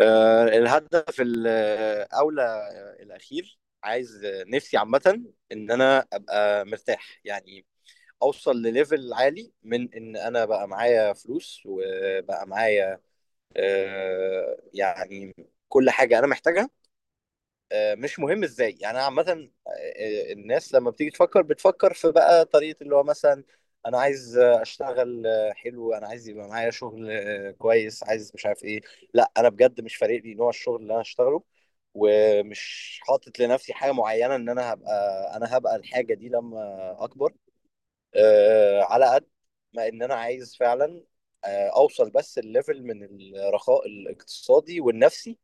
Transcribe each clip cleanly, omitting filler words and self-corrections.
الهدف الأولى الأخير، عايز نفسي عامة إن أنا أبقى مرتاح، يعني أوصل لليفل عالي من إن أنا بقى معايا فلوس وبقى معايا يعني كل حاجة أنا محتاجها. مش مهم ازاي، يعني انا عامه الناس لما بتيجي تفكر بتفكر في بقى طريقه اللي هو مثلا انا عايز اشتغل حلو، انا عايز يبقى معايا شغل كويس، عايز مش عارف ايه. لا انا بجد مش فارق لي نوع الشغل اللي انا هشتغله، ومش حاطط لنفسي حاجه معينه ان انا هبقى، انا هبقى الحاجه دي لما اكبر. على قد ما ان انا عايز فعلا اوصل بس الليفل من الرخاء الاقتصادي والنفسي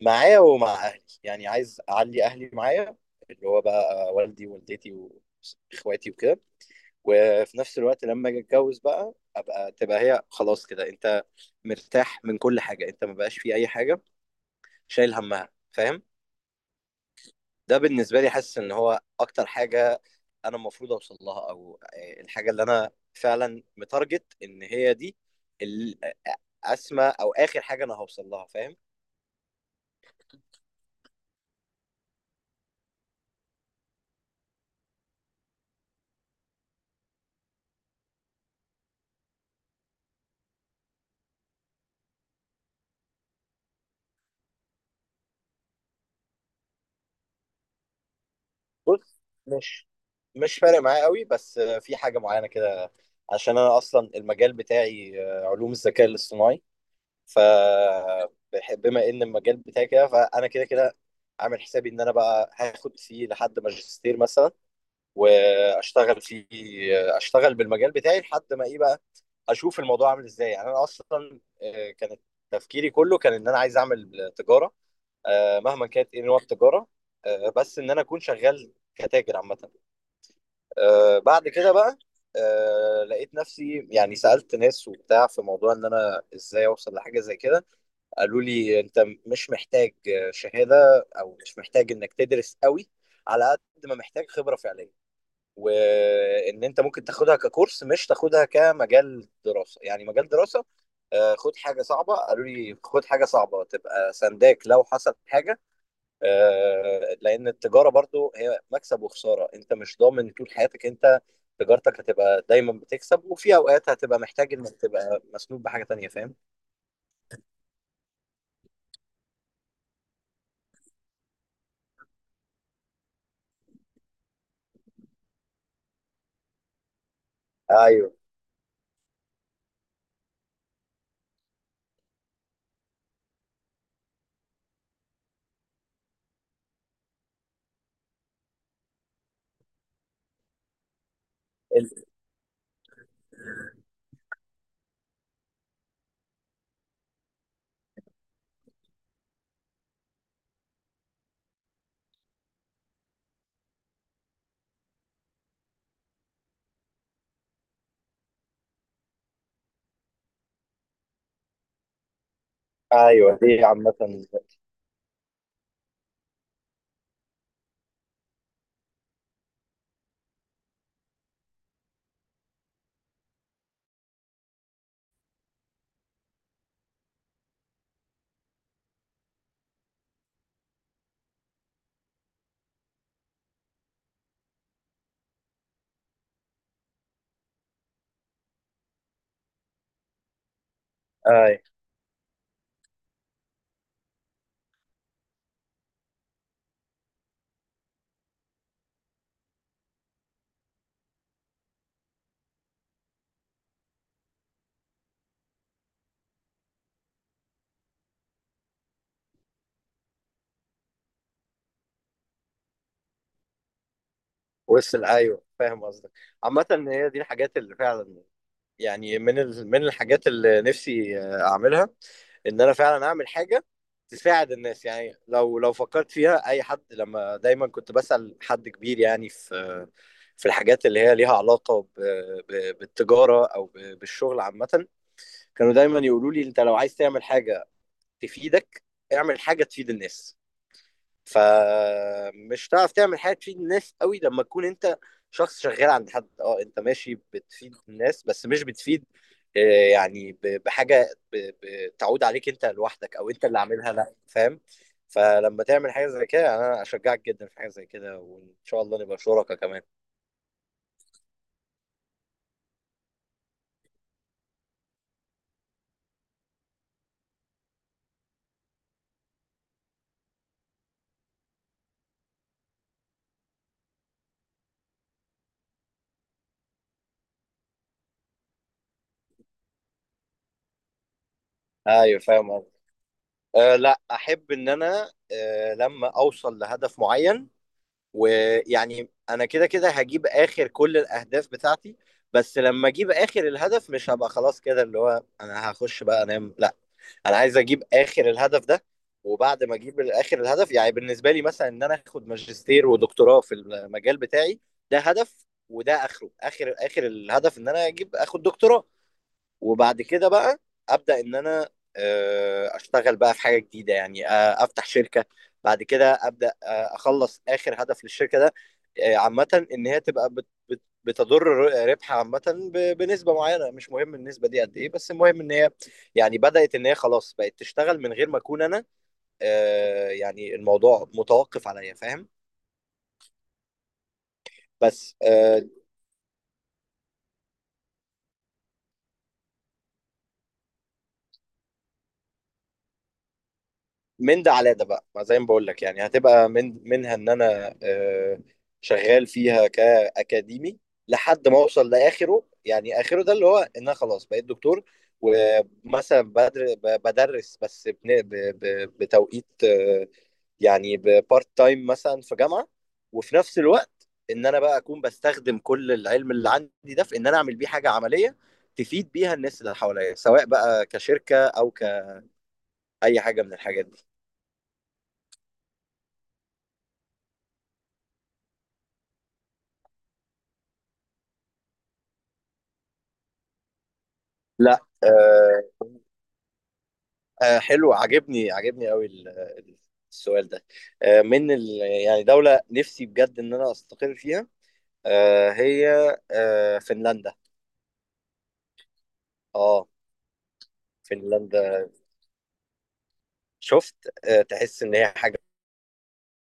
معايا ومع اهلي، يعني عايز اعلي اهلي معايا اللي هو بقى والدي ووالدتي واخواتي وكده. وفي نفس الوقت لما اجي اتجوز بقى ابقى تبقى هي خلاص كده، انت مرتاح من كل حاجه، انت ما بقاش في اي حاجه شايل همها، فاهم؟ ده بالنسبه لي حاسس ان هو اكتر حاجه انا المفروض اوصل لها، او الحاجه اللي انا فعلا متارجت ان هي دي ال- اسمى او اخر حاجه انا هوصل لها، فاهم؟ بص، مش مش فارق معايا قوي، بس في حاجه معينه كده، عشان انا اصلا المجال بتاعي علوم الذكاء الاصطناعي. ف بما ان المجال بتاعي كده، فانا كده عامل حسابي ان انا بقى هاخد فيه لحد ماجستير مثلا، واشتغل فيه. اشتغل بالمجال بتاعي لحد ما ايه بقى، اشوف الموضوع عامل ازاي. يعني انا اصلا كانت تفكيري كله كان ان انا عايز اعمل تجاره، مهما كانت ايه نوع التجاره، بس ان انا اكون شغال كتاجر عامه. بعد كده بقى لقيت نفسي يعني سألت ناس وبتاع في موضوع ان انا ازاي اوصل لحاجة زي كده، قالوا لي انت مش محتاج شهادة، او مش محتاج انك تدرس قوي على قد ما محتاج خبرة فعلية، وان انت ممكن تاخدها ككورس مش تاخدها كمجال دراسة. يعني مجال دراسة، خد حاجة صعبة، قالوا لي خد حاجة صعبة تبقى سنداك لو حصل حاجة، لان التجاره برضو هي مكسب وخساره، انت مش ضامن طول حياتك انت تجارتك هتبقى دايما بتكسب، وفي اوقات هتبقى محتاج انك تبقى مسنود بحاجه تانية، فاهم؟ ايوه. ال- ايوه دي عامه. ايوه، وصل، ايوه فاهم قصدك. عامه هي دي الحاجات اللي فعلا يعني من من الحاجات اللي نفسي اعملها، ان انا فعلا اعمل حاجه تساعد الناس. يعني لو فكرت فيها اي حد، لما دايما كنت بسأل حد كبير يعني في في الحاجات اللي هي ليها علاقه بالتجاره او بالشغل عامه، كانوا دايما يقولوا لي انت لو عايز تعمل حاجه تفيدك، اعمل حاجه تفيد الناس. فمش هتعرف تعمل حاجه تفيد الناس قوي لما تكون انت شخص شغال عند حد. اه انت ماشي بتفيد الناس، بس مش بتفيد آه، يعني بحاجه بتعود عليك انت لوحدك، او انت اللي عاملها، لا، فاهم؟ فلما تعمل حاجه زي كده، انا اشجعك جدا في حاجه زي كده، وان شاء الله نبقى شركاء كمان. ايوه فاهم قصدك. أه لا، احب ان انا أه لما اوصل لهدف معين، ويعني انا كده كده هجيب اخر كل الاهداف بتاعتي، بس لما اجيب اخر الهدف مش هبقى خلاص كده اللي هو انا هخش بقى انام، لا. انا عايز اجيب اخر الهدف ده، وبعد ما اجيب اخر الهدف، يعني بالنسبه لي مثلا ان انا اخد ماجستير ودكتوراه في المجال بتاعي، ده هدف، وده اخره، اخر اخر الهدف ان انا اجيب اخد دكتوراه. وبعد كده بقى ابدا ان انا اشتغل بقى في حاجه جديده، يعني افتح شركه. بعد كده ابدا اخلص اخر هدف للشركه ده، عامه ان هي تبقى بتضر ربحها عامه بنسبه معينه، مش مهم النسبه دي قد ايه، بس المهم ان هي يعني بدات ان هي خلاص بقت تشتغل من غير ما اكون انا يعني الموضوع متوقف عليا، فاهم؟ بس من ده على ده بقى، ما زي ما بقول لك، يعني هتبقى من منها ان انا شغال فيها كاكاديمي لحد ما اوصل لاخره، يعني اخره ده اللي هو ان انا خلاص بقيت دكتور، ومثلا بدرس بس بتوقيت يعني بارت تايم مثلا في جامعه. وفي نفس الوقت ان انا بقى اكون بستخدم كل العلم اللي عندي ده في ان انا اعمل بيه حاجه عمليه تفيد بيها الناس اللي حواليا، سواء بقى كشركه او كاي حاجه من الحاجات دي. لا حلو، عجبني قوي السؤال ده. آه من ال يعني دولة نفسي بجد ان انا استقر فيها هي فنلندا. اه فنلندا، شفت؟ تحس ان هي حاجة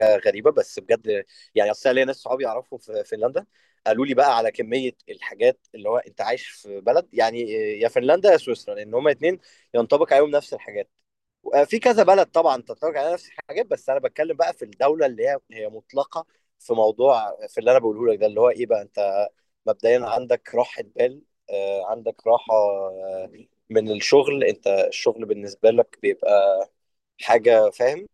غريبه بس بجد. يعني اصل أنا ليا ناس صحابي يعرفهم في فنلندا، قالوا لي بقى على كميه الحاجات اللي هو انت عايش في بلد، يعني يا فنلندا يا سويسرا، لان هما اتنين ينطبق عليهم نفس الحاجات. في كذا بلد طبعا تنطبق عليها نفس الحاجات، بس انا بتكلم بقى في الدوله اللي هي مطلقه في موضوع، في اللي انا بقوله لك ده اللي هو ايه بقى، انت مبدئيا عندك راحه بال، عندك راحه من الشغل، انت الشغل بالنسبه لك بيبقى حاجة، فاهم؟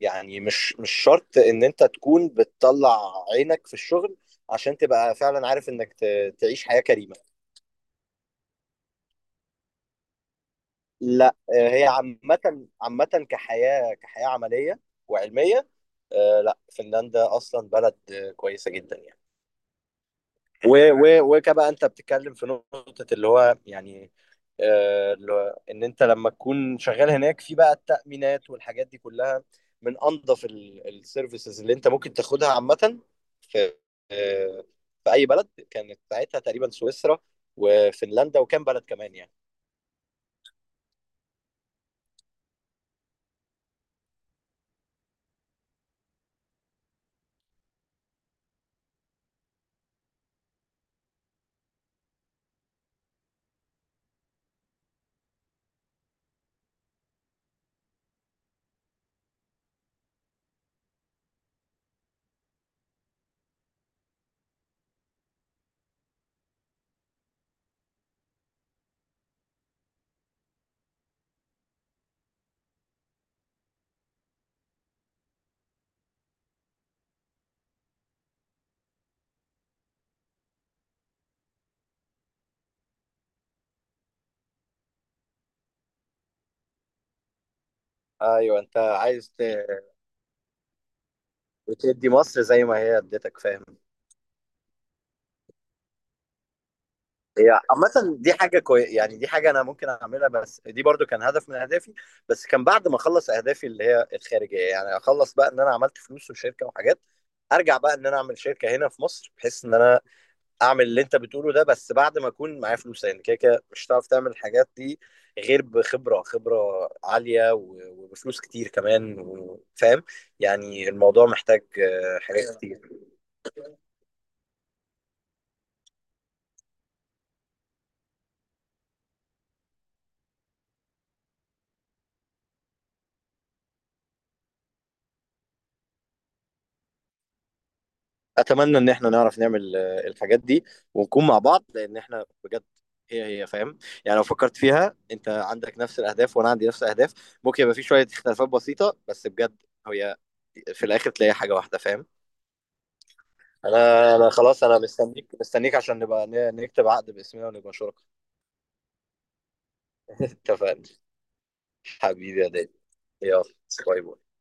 يعني مش شرط ان انت تكون بتطلع عينك في الشغل عشان تبقى فعلا عارف انك تعيش حياة كريمة. لا هي عامة، عامة كحياة، كحياة عملية وعلمية. لا فنلندا اصلا بلد كويسة جدا يعني. و و وكبقى انت بتتكلم في نقطة اللي هو يعني اللي هو ان انت لما تكون شغال هناك، في بقى التأمينات والحاجات دي كلها من انظف السيرفيسز اللي انت ممكن تاخدها عامة في آه، في اي بلد، كانت ساعتها تقريبا سويسرا وفنلندا وكام بلد كمان يعني. ايوه، انت عايز تدي مصر زي ما هي اديتك، فاهم؟ هي عامة دي حاجة كوي... يعني دي حاجة أنا ممكن أعملها، بس دي برضو كان هدف من أهدافي، بس كان بعد ما أخلص أهدافي اللي هي الخارجية. يعني أخلص بقى إن أنا عملت فلوس وشركة وحاجات، أرجع بقى إن أنا أعمل شركة هنا في مصر، بحيث إن أنا أعمل اللي أنت بتقوله ده، بس بعد ما أكون معايا فلوس، يعني كده كده مش هتعرف تعمل الحاجات دي غير بخبرة عالية و... وبفلوس كتير كمان، و- فاهم؟ يعني الموضوع محتاج حاجات كتير. اتمنى ان احنا نعرف نعمل الحاجات دي ونكون مع بعض، لان احنا بجد هي فاهم؟ يعني لو فكرت فيها، انت عندك نفس الاهداف وانا عندي نفس الاهداف، ممكن يبقى في شويه اختلافات بسيطه، بس بجد هي في الاخر تلاقي حاجه واحده، فاهم؟ انا انا خلاص، انا مستنيك عشان نبقى نكتب عقد باسمنا ونبقى شركاء. اتفقنا. حبيبي يا دادي، يلا، باي باي.